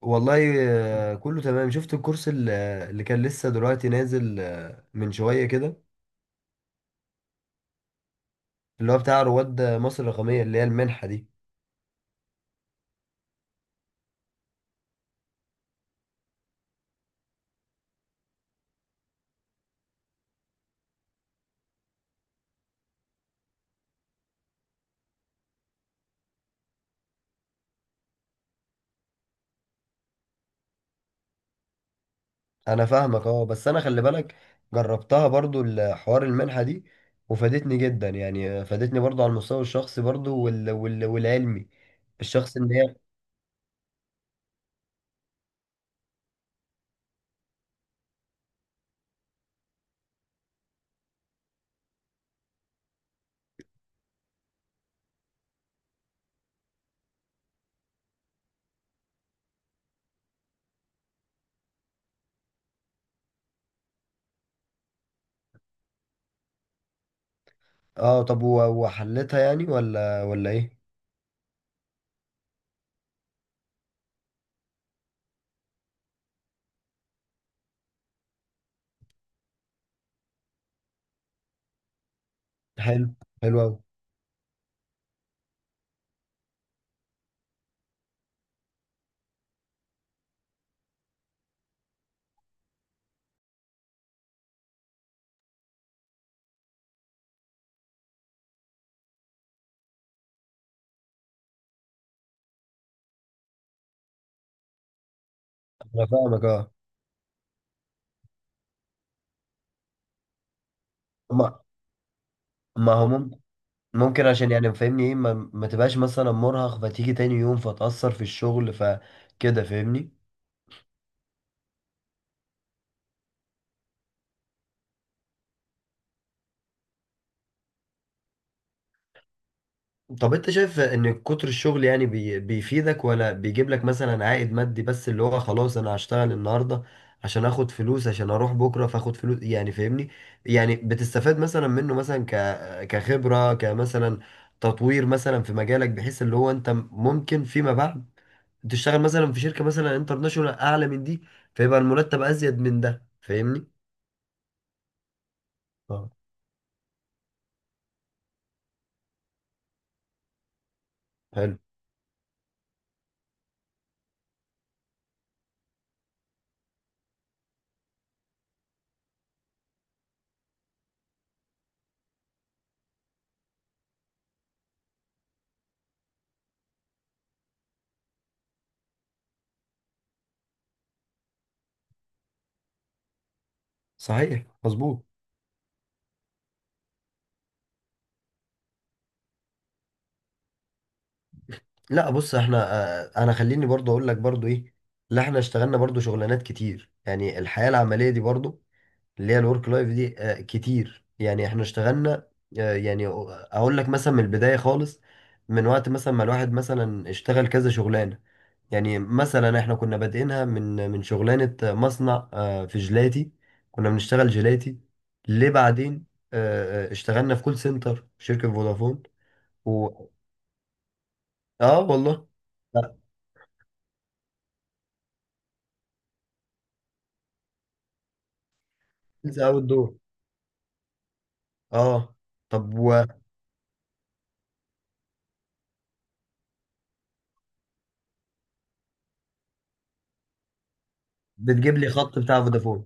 والله، كله تمام. شفت الكورس اللي كان لسه دلوقتي نازل من شوية كده، اللي هو بتاع رواد مصر الرقمية، اللي هي المنحة دي. أنا فاهمك، أه، بس أنا خلي بالك، جربتها برضو الحوار، المنحة دي وفادتني جدا. يعني فادتني برضو على المستوى الشخصي برضو والعلمي. الشخص إن هي. أه. طب وحلتها يعني، ولا إيه؟ حلو. حلو أوي. أنا فاهمك. ما ما هو ممكن، عشان يعني فاهمني ايه، ما تبقاش مثلا مرهق، فتيجي تاني يوم فتأثر في الشغل، فكده فاهمني. طب انت شايف ان كتر الشغل يعني بيفيدك، ولا بيجيب لك مثلا عائد مادي بس، اللي هو خلاص انا هشتغل النهارده عشان اخد فلوس، عشان اروح بكره فاخد فلوس، يعني فاهمني؟ يعني بتستفاد مثلا منه مثلا، كخبرة، كمثلا تطوير مثلا في مجالك، بحيث اللي هو انت ممكن فيما بعد تشتغل مثلا في شركة مثلا انترناشونال اعلى من دي، فيبقى المرتب ازيد من ده فاهمني. اه، حلو. صحيح، مظبوط. لا، بص احنا انا خليني برضو اقول لك برضو ايه. لا، احنا اشتغلنا برضو شغلانات كتير، يعني الحياة العملية دي برضو، اللي هي الورك لايف دي، كتير، يعني احنا اشتغلنا. يعني اقول لك مثلا من البداية خالص، من وقت مثلا ما الواحد مثلا اشتغل كذا شغلانة. يعني مثلا احنا كنا بادئينها من شغلانة مصنع في جيلاتي، كنا بنشتغل جيلاتي. ليه بعدين اشتغلنا في كول سنتر في شركة فودافون. اه والله. لا. بتنزل اول دور، اه. طب وبتجيب لي خط بتاع فودافون.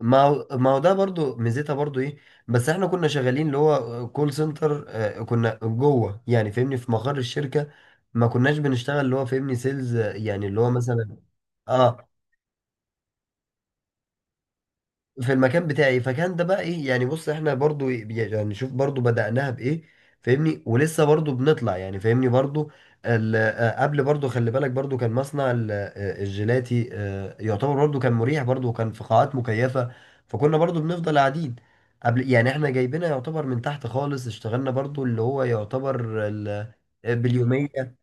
ما هو ده برضو ميزتها برضو ايه. بس احنا كنا شغالين اللي هو كول سنتر، كنا جوه يعني فاهمني في مقر الشركة، ما كناش بنشتغل اللي هو فاهمني سيلز، يعني اللي هو مثلا. اه. في المكان بتاعي، فكان ده بقى ايه يعني؟ بص احنا برضو يعني شوف برضو بدأناها بإيه فاهمني، ولسه برضو بنطلع يعني فاهمني برضو. قبل برضو خلي بالك برضو كان مصنع الجيلاتي، يعتبر برضو كان مريح برضو، وكان في قاعات مكيفة، فكنا برضو بنفضل قاعدين. قبل يعني احنا جايبينها يعتبر من تحت خالص، اشتغلنا برضو اللي هو يعتبر باليومية.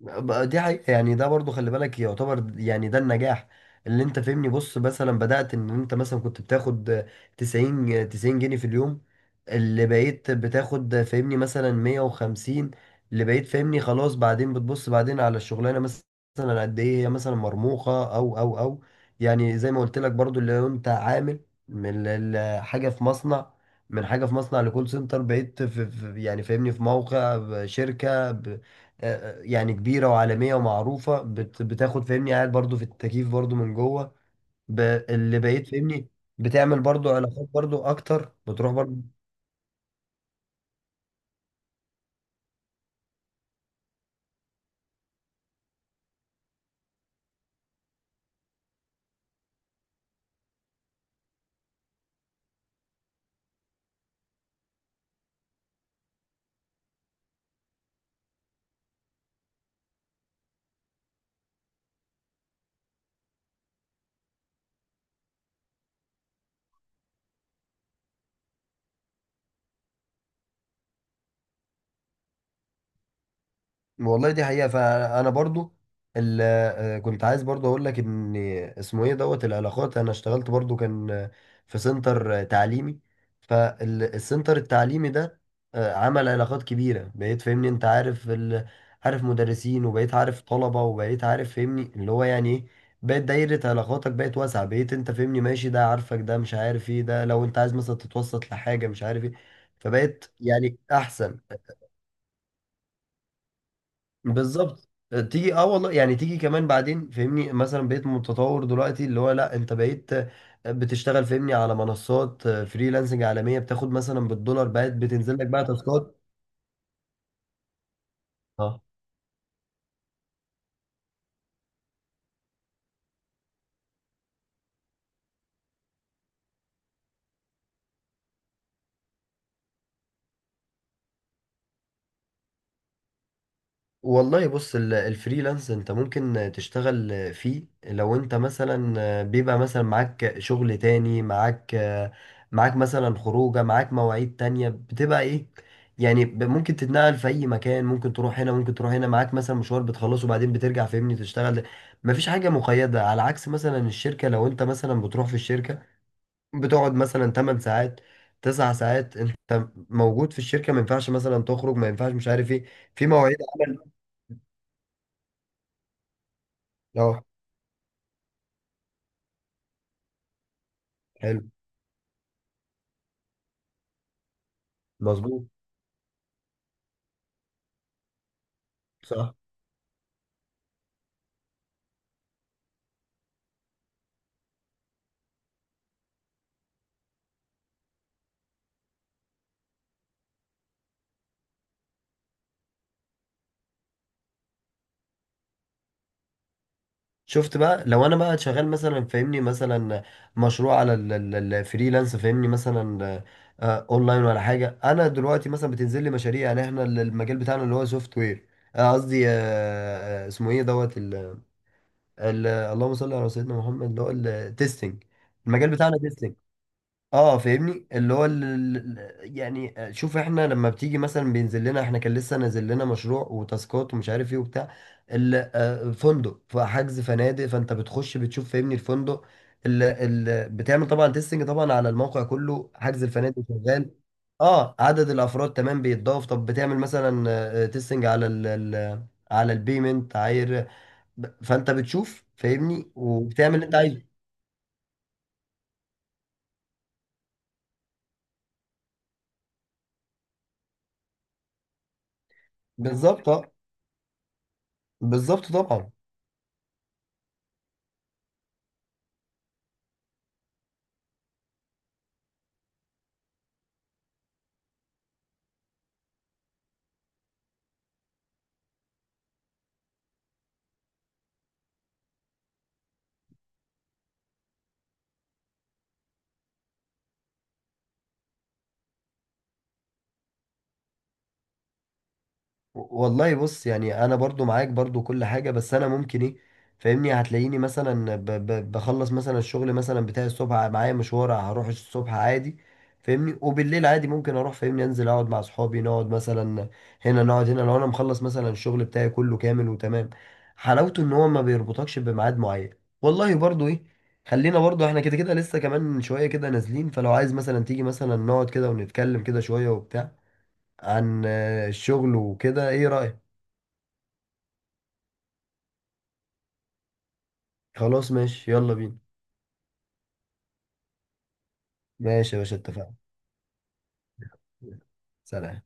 بقى دي حقيقة، يعني ده برضو خلي بالك يعتبر يعني ده النجاح اللي انت فهمني. بص مثلا بدأت ان انت مثلا كنت بتاخد 90 جنيه في اليوم، اللي بقيت بتاخد فهمني مثلا 150، اللي بقيت فهمني خلاص، بعدين بتبص بعدين على الشغلانة مثلا قد ايه هي مثلا مرموقة او. يعني زي ما قلت لك برضو اللي هو انت عامل من حاجة في مصنع، من حاجة في مصنع لكول سنتر، بقيت يعني فاهمني في موقع شركة، يعني كبيرة وعالمية ومعروفة، بتاخد فاهمني، قاعد برضو في التكييف برضو من جوه ب- اللي بقيت فاهمني بتعمل برضو علاقات برضو أكتر، بتروح برضو. والله دي حقيقة، فأنا برضو كنت عايز برضو أقول لك إن اسمه إيه، دوت العلاقات. أنا اشتغلت برضو، كان في سنتر تعليمي. فالسنتر التعليمي ده عمل علاقات كبيرة، بقيت فاهمني أنت عارف عارف مدرسين، وبقيت عارف طلبة، وبقيت عارف فاهمني اللي هو يعني إيه، بقت دايرة علاقاتك بقت واسعة، بقيت أنت فاهمني ماشي ده عارفك، ده مش عارف إيه، ده لو أنت عايز مثلا تتوسط لحاجة مش عارف إيه، فبقيت يعني أحسن. بالظبط تيجي، اه والله. يعني تيجي كمان بعدين فهمني مثلا بقيت متطور دلوقتي، اللي هو لا، انت بقيت بتشتغل فهمني على منصات فريلانسنج عالمية، بتاخد مثلا بالدولار، بقت بتنزل لك بقى تاسكات. اه والله. بص، الفريلانس انت ممكن تشتغل فيه لو انت مثلا بيبقى مثلا معاك شغل تاني، معاك مثلا خروجه، معاك مواعيد تانية بتبقى ايه، يعني ممكن تتنقل في اي مكان، ممكن تروح هنا ممكن تروح هنا، معاك مثلا مشوار بتخلصه وبعدين بترجع فاهمني تشتغل. مفيش حاجة مقيدة، على عكس مثلا الشركة، لو انت مثلا بتروح في الشركة بتقعد مثلا 8 ساعات، 9 ساعات انت موجود في الشركة، ما ينفعش مثلا تخرج، ما ينفعش مش عارف ايه، في مواعيد عمل. اه حلو. مظبوط، صح. شفت بقى، لو انا بقى شغال مثلا فاهمني، مثلا مشروع على الفريلانس فاهمني مثلا، اونلاين ولا حاجه، انا دلوقتي مثلا بتنزل لي مشاريع. يعني احنا المجال بتاعنا اللي هو سوفت وير، قصدي اسمه ايه، دوت ال، اللهم صل على سيدنا محمد، اللي هو التستنج، المجال بتاعنا تيستنج. اه فاهمني، اللي هو يعني شوف، احنا لما بتيجي مثلا، بينزل لنا احنا كان لسه نازل لنا مشروع وتاسكات، ومش عارف ايه وبتاع فندق، فحجز فنادق، فانت بتخش بتشوف فاهمني الفندق. بتعمل طبعا تيستنج طبعا على الموقع كله، حجز الفنادق شغال. اه، عدد الافراد تمام بيتضاف. طب بتعمل مثلا تيستنج على على البيمنت عاير، فانت بتشوف فاهمني وبتعمل اللي انت عايزه. بالظبط، اه، بالظبط طبعا. والله بص، يعني انا برضو معاك برضو كل حاجة، بس انا ممكن ايه فاهمني، هتلاقيني مثلا ب ب بخلص مثلا الشغل مثلا بتاعي الصبح، معايا مشوار هروح الصبح عادي فاهمني، وبالليل عادي ممكن اروح فاهمني، انزل اقعد مع اصحابي نقعد مثلا هنا، نقعد هنا لو انا مخلص مثلا الشغل بتاعي كله كامل وتمام. حلاوته ان هو ما بيربطكش بميعاد معين. والله برضو ايه، خلينا برضو احنا كده كده لسه كمان شوية كده نازلين، فلو عايز مثلا تيجي مثلا نقعد كده ونتكلم كده شوية وبتاع، عن الشغل وكده، ايه رأيك؟ خلاص، ماشي، يلا بينا. ماشي يا باشا، اتفقنا. سلام.